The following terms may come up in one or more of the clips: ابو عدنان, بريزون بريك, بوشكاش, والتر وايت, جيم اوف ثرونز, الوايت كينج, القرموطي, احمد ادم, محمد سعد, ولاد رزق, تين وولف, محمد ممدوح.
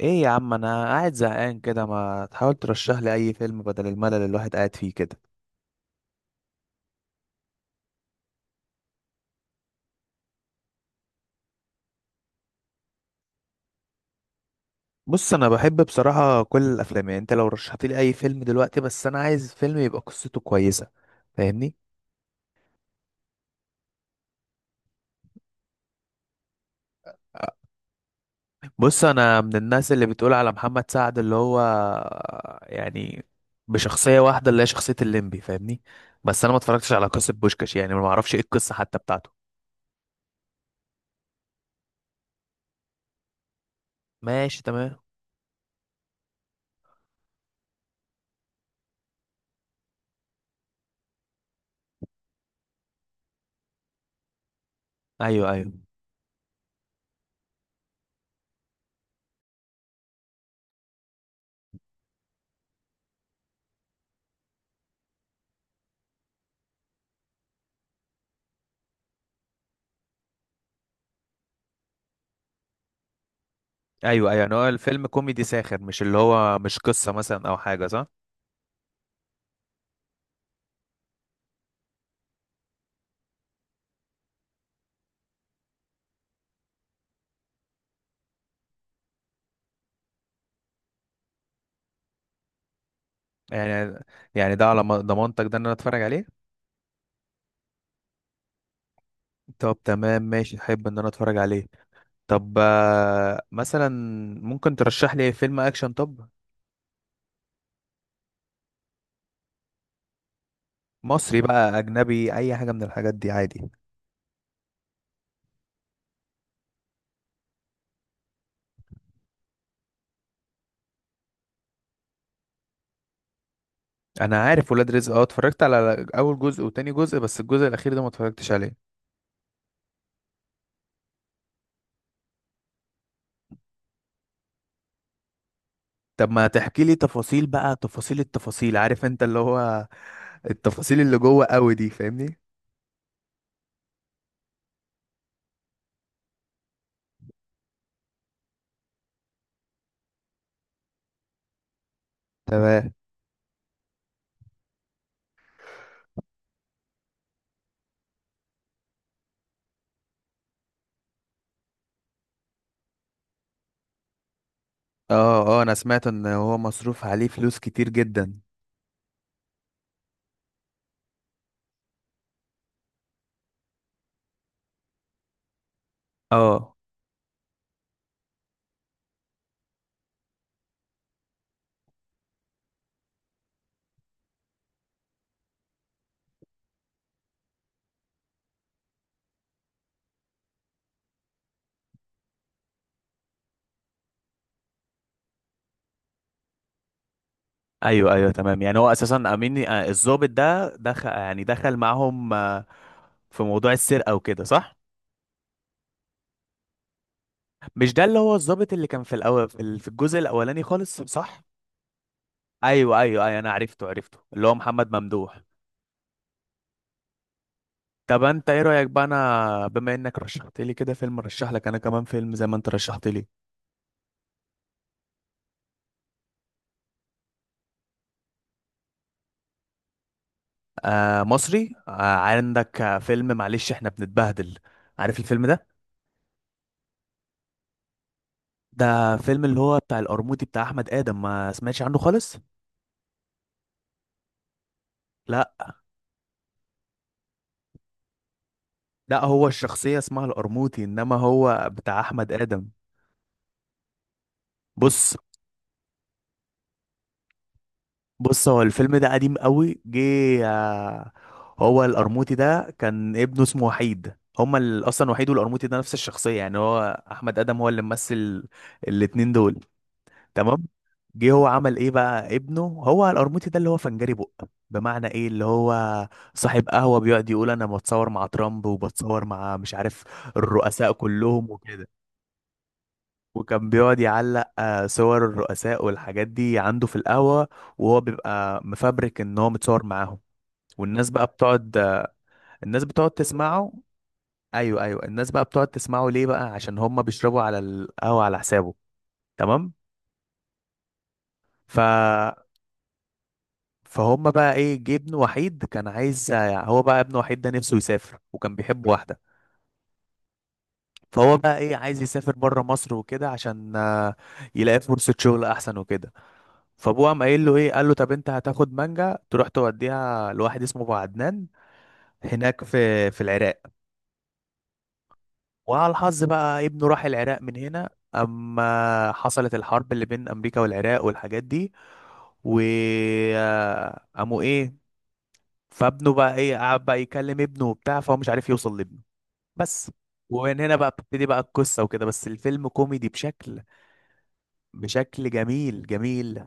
ايه يا عم، انا قاعد زهقان كده، ما تحاول ترشح لي اي فيلم بدل الملل اللي الواحد قاعد فيه كده. بص، انا بحب بصراحة كل الافلام، يعني انت لو رشحت لي اي فيلم دلوقتي، بس انا عايز فيلم يبقى قصته كويسة، فاهمني. بص، انا من الناس اللي بتقول على محمد سعد اللي هو يعني بشخصية واحدة، اللي هي شخصية الليمبي، فاهمني. بس انا ما اتفرجتش على قصة بوشكاش، يعني ما اعرفش ايه القصة حتى بتاعته. ماشي تمام. ايوه ايوه ايوه يعني هو الفيلم كوميدي ساخر، مش اللي هو مش قصة مثلا او حاجة، صح؟ يعني يعني ده على ضمانتك، ده ان انا اتفرج عليه. طب تمام ماشي، احب ان انا اتفرج عليه. طب آه، مثلا ممكن ترشح لي فيلم اكشن؟ طب مصري بقى، اجنبي، اي حاجه من الحاجات دي عادي. انا عارف ولاد رزق، اه، اتفرجت على اول جزء وتاني جزء، بس الجزء الاخير ده ما اتفرجتش عليه. طب ما تحكي لي تفاصيل بقى، تفاصيل التفاصيل، عارف انت اللي هو التفاصيل اللي جوه قوي دي، فاهمني. تمام. اه اه، انا سمعت ان هو مصروف عليه فلوس كتير جدا. اه. ايوه ايوه تمام، يعني هو اساسا امين آه، الضابط ده دخل، يعني دخل معاهم آه، في موضوع السرقه وكده، صح؟ مش ده اللي هو الضابط اللي كان في الاول، في في الجزء الاولاني خالص، صح؟ ايوه ايوه ايوه، انا عرفته عرفته، اللي هو محمد ممدوح. طب انت ايه رايك بقى؟ انا بما انك رشحت لي كده فيلم، رشح لك انا كمان فيلم زي ما انت رشحت لي. آه مصري، آه، عندك آه، فيلم معلش احنا بنتبهدل، عارف الفيلم ده؟ ده فيلم اللي هو بتاع القرموطي، بتاع احمد ادم، ما سمعتش عنه خالص؟ لا، لا، هو الشخصية اسمها القرموطي، انما هو بتاع احمد ادم. بص، بص، هو الفيلم ده قديم قوي، جه آه، هو القرموطي ده كان ابنه اسمه وحيد، هما اصلا وحيد والقرموطي ده نفس الشخصية، يعني هو احمد ادم هو اللي ممثل الاتنين دول. تمام. جه هو عمل ايه بقى؟ ابنه هو القرموطي ده اللي هو فنجري بق، بمعنى ايه، اللي هو صاحب قهوة، بيقعد يقول انا بتصور مع ترامب، وبتصور مع مش عارف الرؤساء كلهم وكده. وكان بيقعد يعلق آه، صور الرؤساء والحاجات دي عنده في القهوة، وهو بيبقى مفبرك ان هو متصور معاهم، والناس بقى بتقعد آه، الناس بتقعد تسمعه. ايوه ايوه، الناس بقى بتقعد تسمعه ليه بقى؟ عشان هم بيشربوا على القهوة على حسابه. تمام. ف، فهم بقى ايه؟ جه ابن وحيد كان عايز آه، هو بقى ابن وحيد ده نفسه يسافر، وكان بيحب واحدة، فهو بقى ايه عايز يسافر بره مصر وكده، عشان آه، يلاقي فرصة شغل احسن وكده. فابوه قام قايل له ايه؟ قال له طب انت هتاخد مانجا تروح توديها لواحد اسمه ابو عدنان هناك في في العراق. وعلى الحظ بقى ابنه راح العراق من هنا، اما حصلت الحرب اللي بين امريكا والعراق والحاجات دي، و آه، قاموا ايه، فابنه بقى ايه قعد بقى يكلم ابنه وبتاع، فهو مش عارف يوصل لابنه بس. ومن هنا بقى بتبتدي بقى القصة وكده، بس الفيلم كوميدي بشكل بشكل جميل جميل.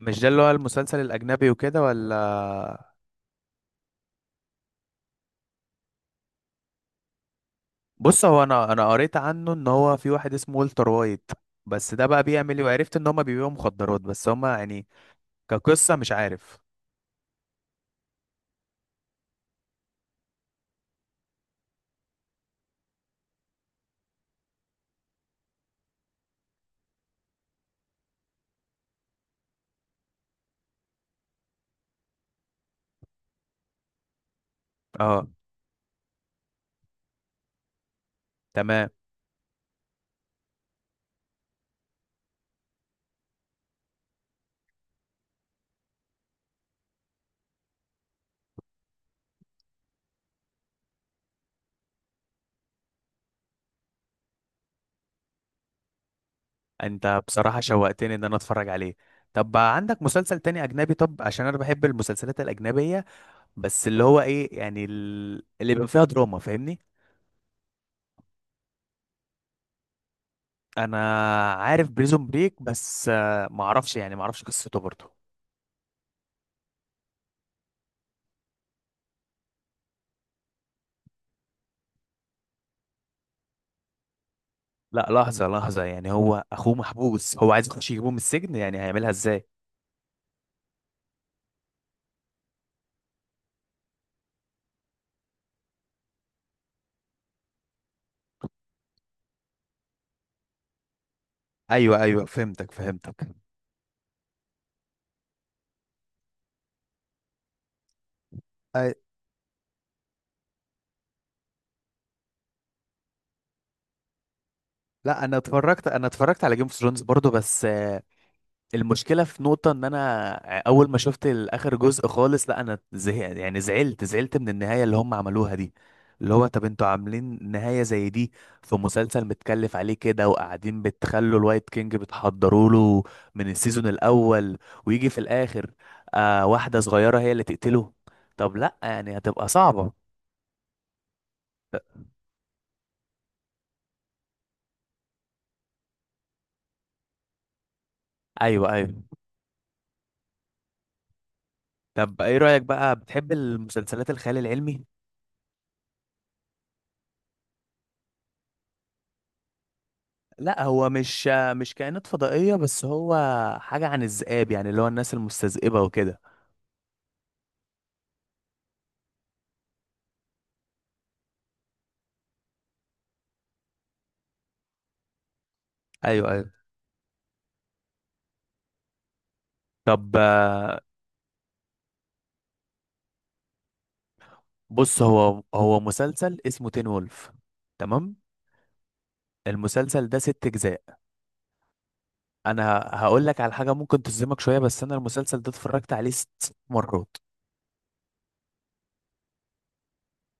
مش ده اللي هو المسلسل الأجنبي وكده ولا؟ بص هو، انا قريت عنه ان هو في واحد اسمه والتر وايت، بس ده بقى بيعمل ايه؟ وعرفت ان هما بيبيعوا مخدرات، بس هما يعني كقصة مش عارف. اه. تمام. انت بصراحة شوقتني ان انا اتفرج عليه. طب بقى عندك مسلسل تاني اجنبي؟ طب عشان انا بحب المسلسلات الاجنبية، بس اللي هو ايه، يعني اللي بيبقى فيها دراما، فاهمني. انا عارف بريزون بريك، بس آه، معرفش، يعني معرفش قصته برضه. لا، لحظة لحظة، يعني هو اخوه محبوس، هو عايز يخش يجيبه من السجن، يعني هيعملها ازاي؟ ايوه ايوه، فهمتك فهمتك. أي... لا، انا اتفرجت، انا اتفرجت على جيم اوف ثرونز برضو، بس آه، المشكله في نقطه ان انا آه، اول ما شفت اخر جزء خالص، لا انا زهقت، يعني زعلت من النهايه اللي هم عملوها دي، اللي هو طب انتوا عاملين نهايه زي دي في مسلسل متكلف عليه كده، وقاعدين بتخلوا الوايت كينج بتحضروا له من السيزون الاول، ويجي في الاخر آه واحده صغيره هي اللي تقتله؟ طب لا، يعني هتبقى صعبه. ايوه ايوه. طب ايه رأيك بقى، بتحب المسلسلات الخيال العلمي؟ لا هو مش، مش كائنات فضائية، بس هو حاجة عن الذئاب، يعني اللي هو الناس المستذئبة وكده. ايوه ايوه. طب آه، بص هو، هو مسلسل اسمه تين وولف. تمام. المسلسل ده ست اجزاء. انا هقول لك على حاجة ممكن تصدمك شوية، بس انا المسلسل ده اتفرجت عليه ست مرات.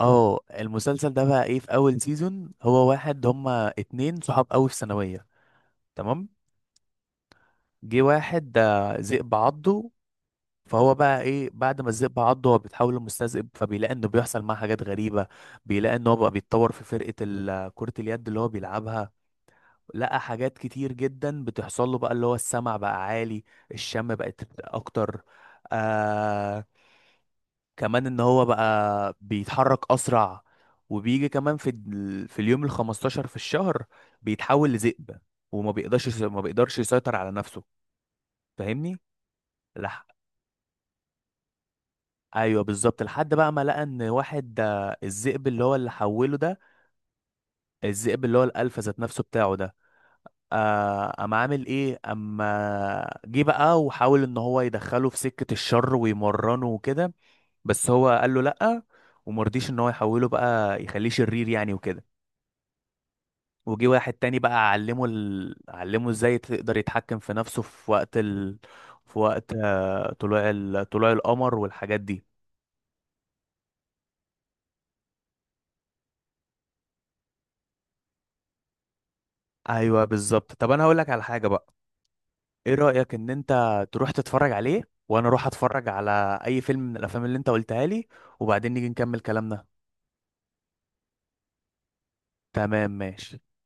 اه، المسلسل ده بقى ايه، في اول سيزون هو واحد، هما اتنين صحاب قوي في ثانوية. تمام. جه واحد ده ذئب عضه، فهو بقى ايه بعد ما الذئب عضه، هو بيتحول لمستذئب، فبيلاقي انه بيحصل معاه حاجات غريبه، بيلاقي ان هو بقى بيتطور في فرقه كره اليد اللي هو بيلعبها. لقى حاجات كتير جدا بتحصل له بقى، اللي هو السمع بقى عالي، الشم بقت اكتر، آه، كمان ان هو بقى بيتحرك اسرع، وبيجي كمان في في اليوم ال 15 في الشهر بيتحول لذئب، وما بيقدرش ما بيقدرش يسيطر على نفسه، فاهمني. ايوه بالظبط. لحد بقى ما لقى ان واحد آه، الذئب اللي هو اللي حوله ده، الذئب اللي هو الالفا ذات نفسه بتاعه ده، آه، قام عامل ايه، اما جه بقى وحاول ان هو يدخله في سكة الشر ويمرنه وكده، بس هو قال له لأ، ومرضيش ان هو يحوله بقى يخليه شرير يعني وكده. وجي واحد تاني بقى علمه ال... علمه ازاي تقدر يتحكم في نفسه في وقت ال... في وقت آه، طلوع ال... طلوع القمر والحاجات دي. ايوه بالظبط. طب انا هقول لك على حاجة بقى، ايه رأيك ان انت تروح تتفرج عليه، وانا اروح اتفرج على اي فيلم من الافلام اللي انت قلتها لي، وبعدين نيجي نكمل كلامنا. تمام ماشي.